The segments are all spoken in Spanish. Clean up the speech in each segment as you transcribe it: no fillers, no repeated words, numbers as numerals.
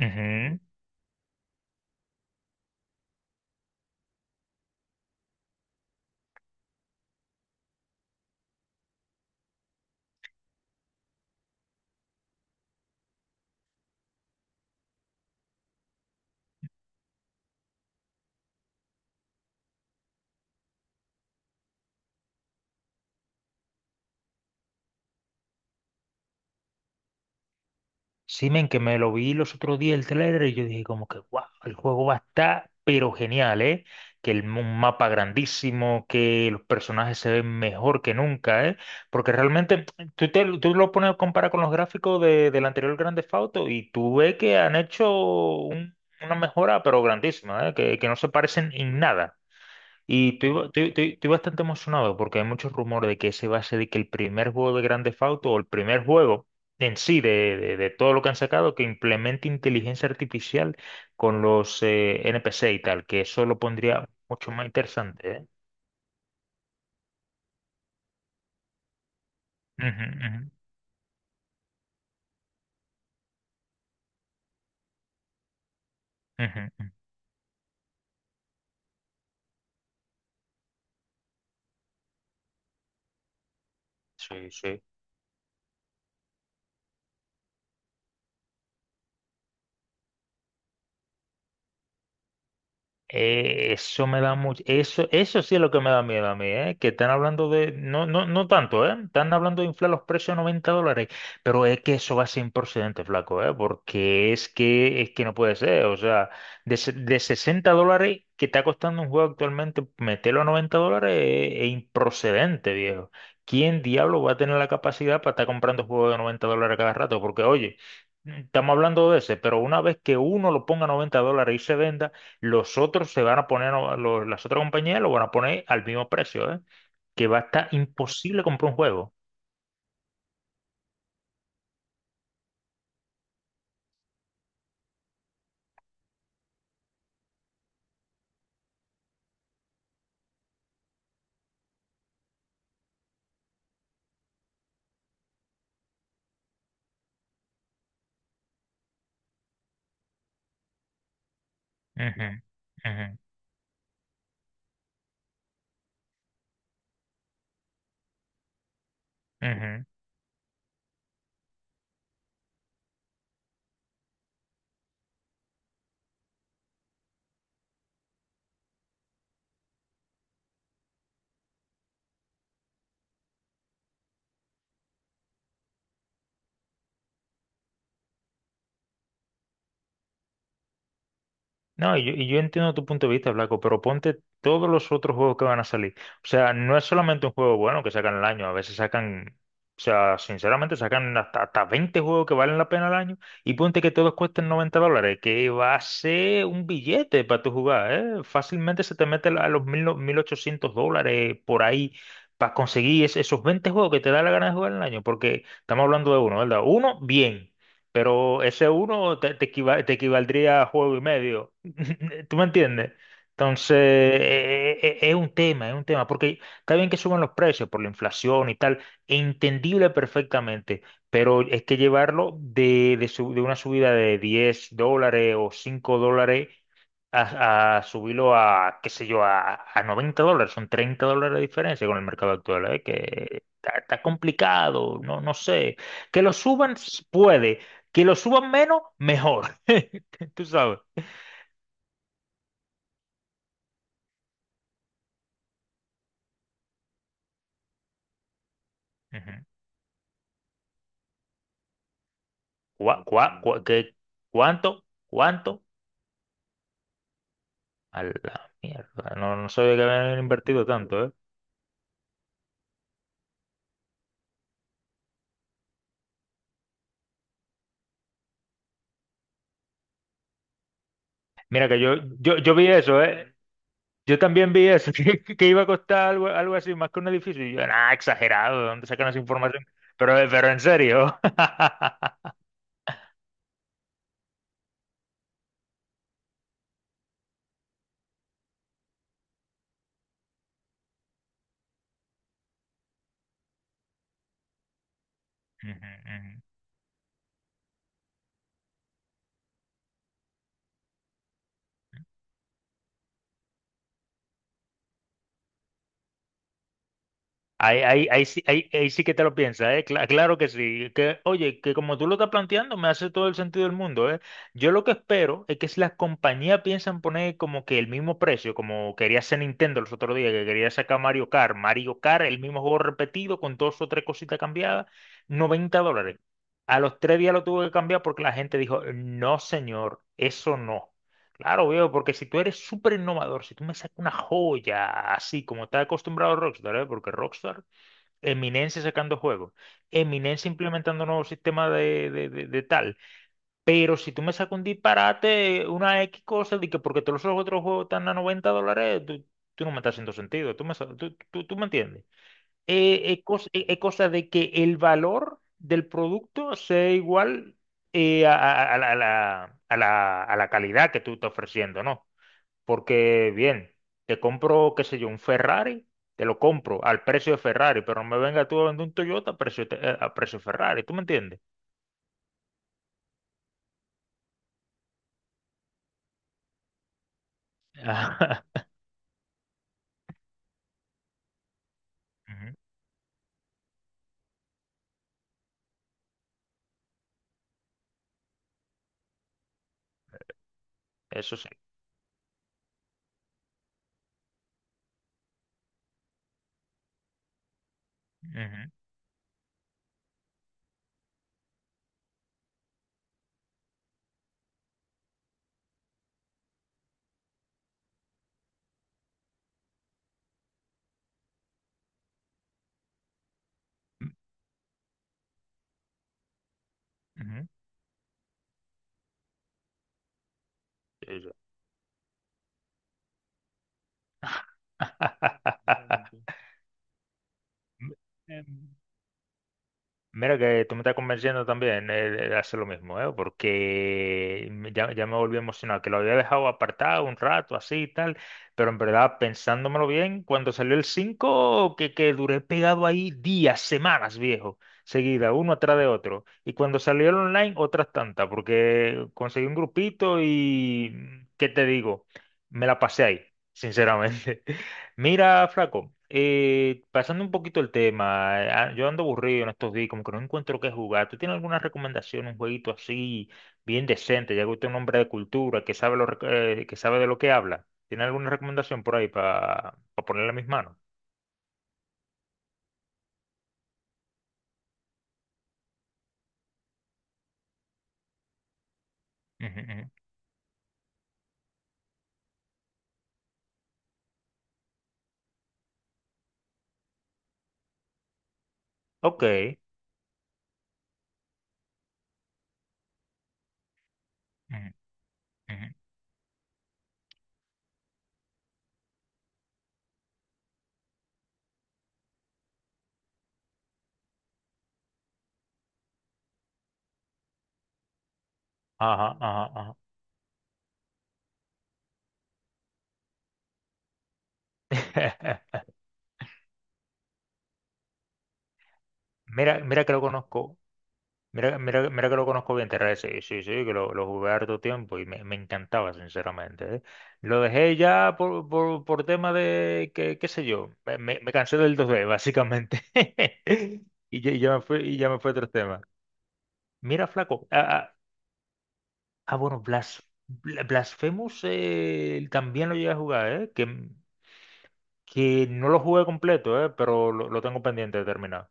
Ujú. Sí, men, que me lo vi los otros días el trailer y yo dije como que, wow, el juego va a estar pero genial, ¿eh? Que un mapa grandísimo, que los personajes se ven mejor que nunca, ¿eh? Porque realmente tú lo pones a comparar con los gráficos del anterior Grand Theft Auto y tú ves que han hecho un- una mejora pero grandísima, ¿eh? Que no se parecen en nada. Y estoy bastante emocionado porque hay muchos rumores de que ese va a ser de que el primer juego de Grand Theft Auto o el primer juego en sí de todo lo que han sacado que implemente inteligencia artificial con los NPC y tal, que eso lo pondría mucho más interesante, ¿eh? Ujú, ujú, ujú, ujú. Sí, sí. Eso me da mucho, eso sí es lo que me da miedo a mí, ¿eh? Que están hablando de, no, no, no tanto, ¿eh? Están hablando de inflar los precios a $90, pero es que eso va sin procedente, flaco, ¿eh? Porque es que no puede ser, o sea, de $60 que está costando un juego actualmente, meterlo a $90 es improcedente, viejo. ¿Quién diablo va a tener la capacidad para estar comprando juegos de $90 cada rato? Porque, oye, estamos hablando de ese, pero una vez que uno lo ponga a $90 y se venda, los otros se van a poner, las otras compañías lo van a poner al mismo precio, ¿eh? Que va a estar imposible comprar un juego. Ujú, ujú, ujú. No, y yo entiendo tu punto de vista, Blanco, pero ponte todos los otros juegos que van a salir. O sea, no es solamente un juego bueno que sacan al año, a veces sacan, o sea, sinceramente sacan hasta 20 juegos que valen la pena al año y ponte que todos cuesten $90, que va a ser un billete para tu jugar, ¿eh? Fácilmente se te mete a los mil no- 1.800 dólares por ahí para conseguir esos 20 juegos que te da la gana de jugar al año, porque estamos hablando de uno, ¿verdad? Uno, bien. Pero ese uno te, te equivaldría a juego y medio. ¿Tú me entiendes? Entonces, es un tema, porque está bien que suban los precios por la inflación y tal, entendible perfectamente, pero es que llevarlo de una subida de $10 o $5 a subirlo a, qué sé yo, a $90, son $30 de diferencia con el mercado actual, ¿eh? Que está complicado, no, no sé. Que lo suban puede, que lo suban menos, mejor. Tú sabes. Ujú. ¿Cuá- cuá- cuá- qué- ¿Cuánto? ¿Cuánto? A la mierda. No, no sabía que habían invertido tanto, ¿eh? Mira que yo, yo vi eso, ¿eh? Yo también vi eso, que iba a costar algo así, más que un edificio. Y yo, ah, exagerado, ¿de dónde sacan esa información? Pero en serio. Ujú, ujú. Ahí, sí, ahí sí que te lo piensas, ¿eh? Claro que sí. Que, oye, que como tú lo estás planteando, me hace todo el sentido del mundo, ¿eh? Yo lo que espero es que si las compañías piensan poner como que el mismo precio, como quería hacer Nintendo los otros días, que quería sacar Mario Kart, Mario Kart, el mismo juego repetido con dos o tres cositas cambiadas, $90. A los 3 días lo tuve que cambiar porque la gente dijo, no, señor, eso no. Claro, veo, porque si tú eres súper innovador, si tú me sacas una joya así como está acostumbrado Rockstar, ¿eh? Porque Rockstar Eminencia sacando juegos, Eminencia implementando un nuevo sistema de tal. Pero si tú me sacas un disparate, una X cosa, de que porque todos los otros juegos están a 90 dólares, tú no me estás haciendo sentido. Tú me, sa- tú- tú me entiendes. Es cosa, de que el valor del producto sea igual a la calidad que tú estás ofreciendo, ¿no? Porque, bien, te compro, qué sé yo, un Ferrari, te lo compro al precio de Ferrari, pero no me venga tú a vender un Toyota a precio Ferrari, ¿tú me entiendes? Ajá. Ujú, eso sí. Ujú, ujú, sí, sí. Mira que tú me estás convenciendo también de hacer lo mismo, ¿eh? Porque ya me volví emocionado, que lo había dejado apartado un rato, así y tal, pero en verdad, pensándomelo bien, cuando salió el 5 que duré pegado ahí días, semanas, viejo, seguida, uno atrás de otro. Y cuando salió el online, otras tantas, porque conseguí un grupito y, ¿qué te digo? Me la pasé ahí, sinceramente. Mira, flaco, pasando un poquito el tema, yo ando aburrido en estos días, como que no encuentro qué jugar. ¿Tú tienes alguna recomendación, un jueguito así, bien decente, ya que usted es un hombre de cultura, que sabe, que sabe de lo que habla? ¿Tiene alguna recomendación por ahí para ponerle a mis manos? Ujú, ujú. Ok. Ujú, ujú. Ajá, ajá, ajá. Mira, mira que lo conozco. Mira, mira, mira que lo conozco bien, Terraria, sí, sí, sí, que lo jugué harto tiempo y me encantaba, sinceramente, ¿eh? Lo dejé ya por tema de, que, qué sé yo, me cansé del 2D, básicamente. Y ya me fue otro tema. Mira, flaco, ah, bueno, Blasphemous también lo llegué a jugar, ¿eh? Que no lo jugué completo, ¿eh? Pero lo tengo pendiente de terminar.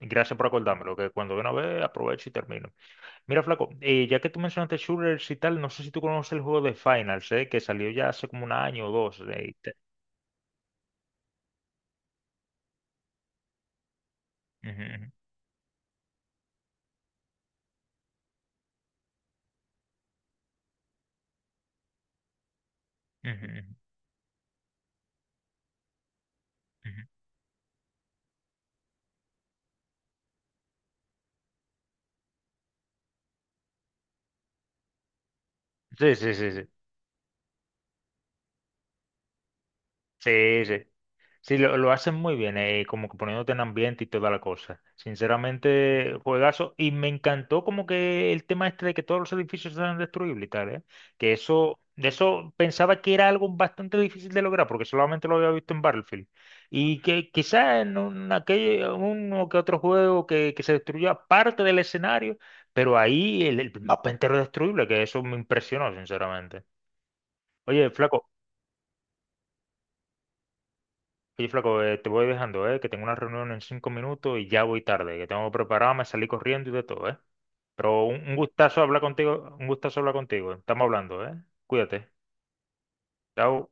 Gracias por acordármelo, que cuando de una vez aprovecho y termino. Mira, flaco, ya que tú mencionaste shooters y tal, no sé si tú conoces el juego de Finals, que salió ya hace como un año o dos. Ujú, ujú, ujú, ujú. Sí, sí, sí, sí. Sí, sí. Sí, lo hacen muy bien, como que poniéndote en ambiente y toda la cosa. Sinceramente, juegazo. Y me encantó como que el tema este de que todos los edificios eran destruibles y tal, ¿eh? Que eso, de eso pensaba que era algo bastante difícil de lograr, porque solamente lo había visto en Battlefield. Y que quizás en uno que otro juego que se destruyó parte del escenario, pero ahí el mapa entero es destruible, que eso me impresionó, sinceramente. Oye, flaco. Oye, flaco, te voy dejando, que tengo una reunión en 5 minutos y ya voy tarde, que tengo preparado, me salí corriendo y de todo. Pero un gustazo hablar contigo, un gustazo hablar contigo. Estamos hablando. Cuídate. Chao.